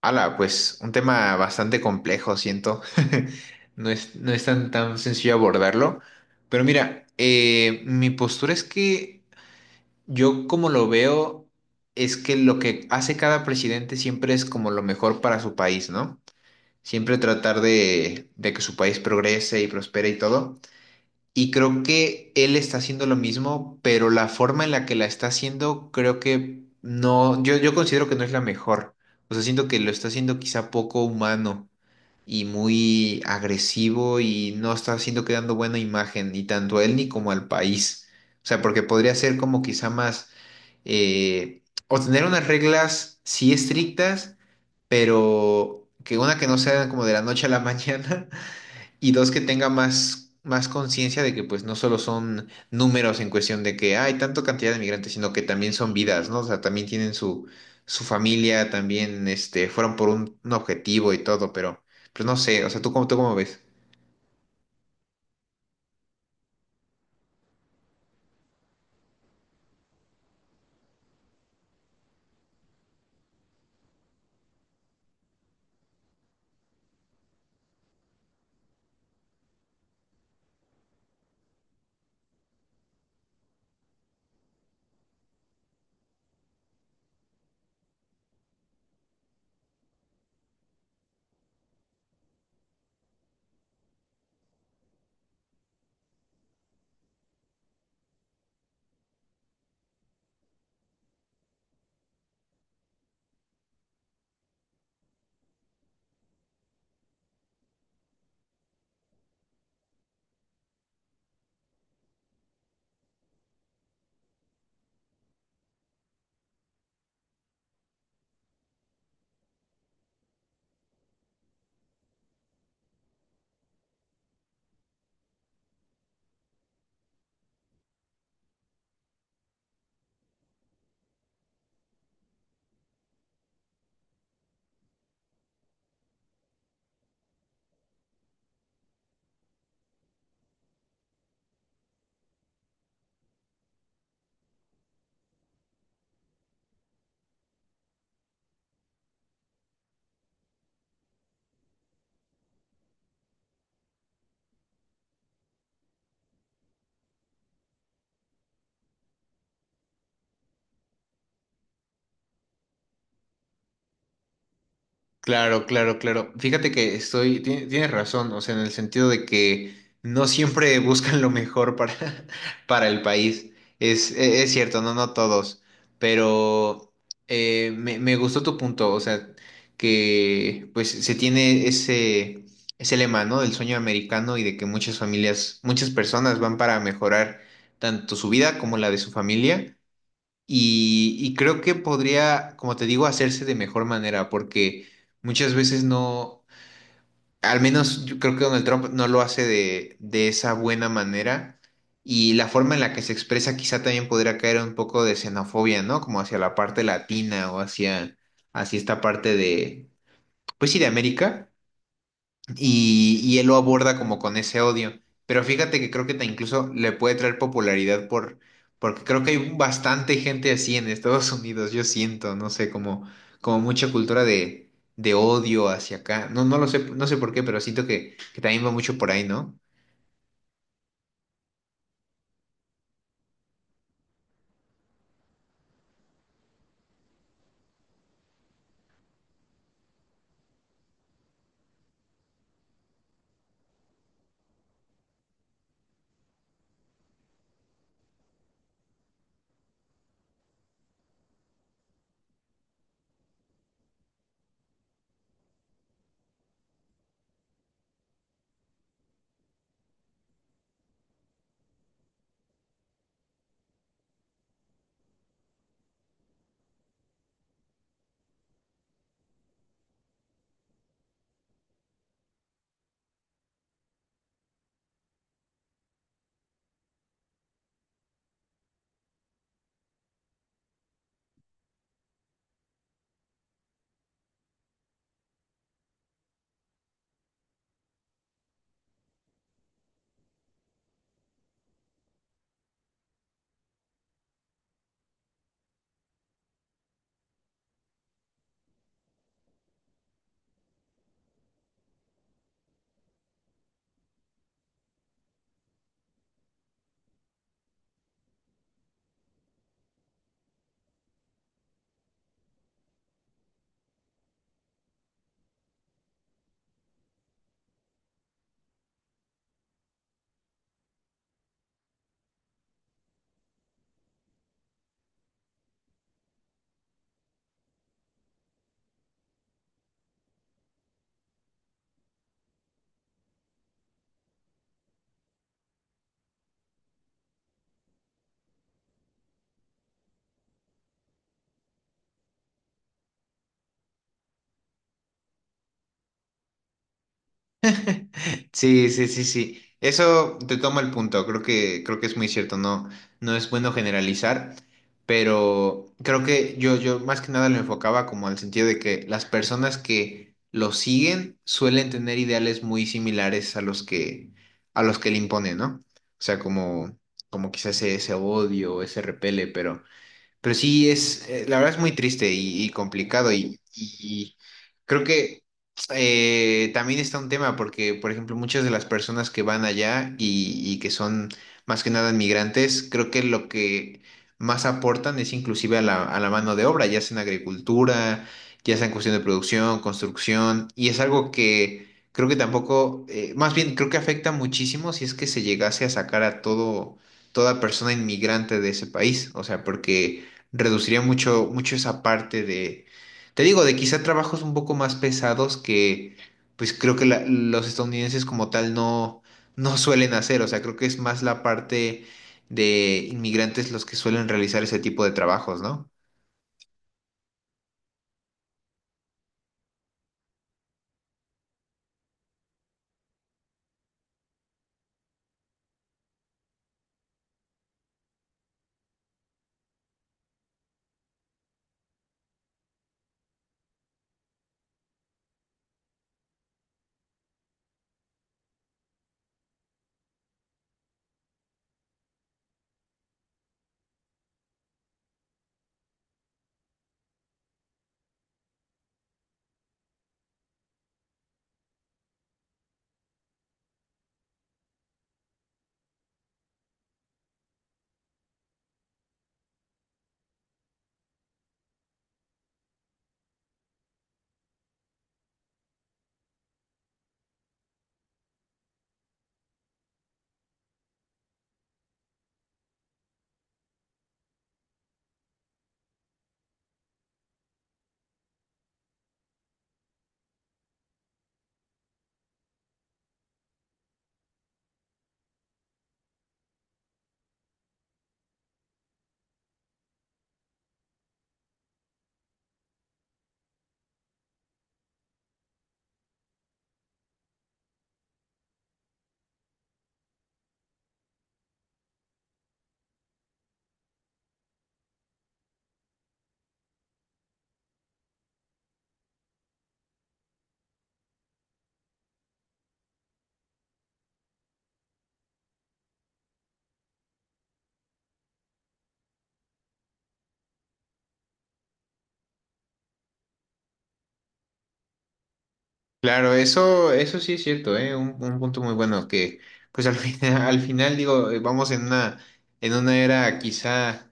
Ala, pues un tema bastante complejo, siento. No es tan, tan sencillo abordarlo. Pero mira, mi postura es que yo como lo veo es que lo que hace cada presidente siempre es como lo mejor para su país, ¿no? Siempre tratar de que su país progrese y prospere y todo. Y creo que él está haciendo lo mismo, pero la forma en la que la está haciendo, creo que no, yo considero que no es la mejor. O sea, siento que lo está haciendo quizá poco humano y muy agresivo y no está haciendo que dando buena imagen, ni tanto a él ni como al país. O sea, porque podría ser como quizá más, o tener unas reglas sí estrictas, pero que una que no sea como de la noche a la mañana y dos, que tenga más, más conciencia de que pues no solo son números en cuestión de que hay tanta cantidad de migrantes, sino que también son vidas, ¿no? O sea, también tienen su, su familia, también este, fueron por un objetivo y todo, pero no sé, o sea, tú cómo ves? Claro, claro, claro. Fíjate que estoy, tienes razón, o sea, en el sentido de que no siempre buscan lo mejor para, para el país. Es, es cierto, no, no todos, pero me gustó tu punto, o sea, que pues se tiene ese, ese lema, ¿no? Del sueño americano y de que muchas familias, muchas personas van para mejorar tanto su vida como la de su familia. Y creo que podría, como te digo, hacerse de mejor manera, porque muchas veces no, al menos yo creo que Donald Trump no lo hace de esa buena manera, y la forma en la que se expresa quizá también podría caer un poco de xenofobia, ¿no? Como hacia la parte latina o hacia, hacia esta parte de, pues sí, de América. Y él lo aborda como con ese odio. Pero fíjate que creo que te incluso le puede traer popularidad por, porque creo que hay bastante gente así en Estados Unidos, yo siento, no sé, como, como mucha cultura de odio hacia acá. No, no lo sé, no sé por qué, pero siento que también va mucho por ahí, ¿no? Sí, sí, sí, sí. Eso te tomo el punto. Creo que es muy cierto. No, no es bueno generalizar, pero creo que yo más que nada lo enfocaba como al sentido de que las personas que lo siguen suelen tener ideales muy similares a los que le imponen, ¿no? O sea, como, como quizás ese, ese odio, ese repele, pero sí, es, la verdad es muy triste y complicado y creo que también está un tema porque, por ejemplo, muchas de las personas que van allá y que son más que nada inmigrantes, creo que lo que más aportan es inclusive a la mano de obra, ya sea en agricultura, ya sea en cuestión de producción, construcción, y es algo que creo que tampoco, más bien creo que afecta muchísimo si es que se llegase a sacar a todo, toda persona inmigrante de ese país, o sea, porque reduciría mucho, mucho esa parte de, te digo, de quizá trabajos un poco más pesados que, pues creo que los estadounidenses como tal no, no suelen hacer, o sea, creo que es más la parte de inmigrantes los que suelen realizar ese tipo de trabajos, ¿no? Claro, eso sí es cierto, ¿eh? Un punto muy bueno que, pues al final, al final digo, vamos en una era quizá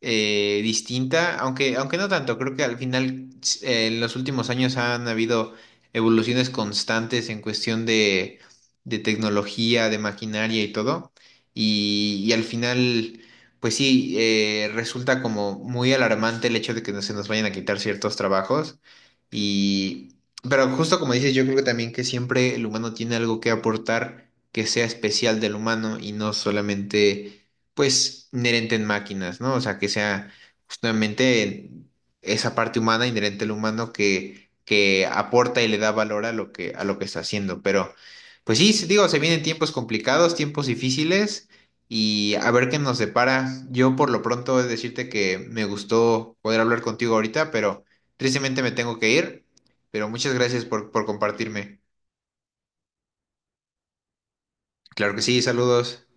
distinta, aunque, aunque no tanto, creo que al final en los últimos años han habido evoluciones constantes en cuestión de tecnología, de maquinaria y todo, y al final, pues sí, resulta como muy alarmante el hecho de que no se nos vayan a quitar ciertos trabajos, y, pero justo como dices, yo creo que también que siempre el humano tiene algo que aportar que sea especial del humano y no solamente pues inherente en máquinas, ¿no? O sea, que sea justamente esa parte humana, inherente al humano, que aporta y le da valor a lo que está haciendo. Pero, pues sí, sí, digo, se vienen tiempos complicados, tiempos difíciles, y a ver qué nos depara. Yo por lo pronto he de decirte que me gustó poder hablar contigo ahorita, pero tristemente me tengo que ir. Pero muchas gracias por compartirme. Claro que sí, saludos.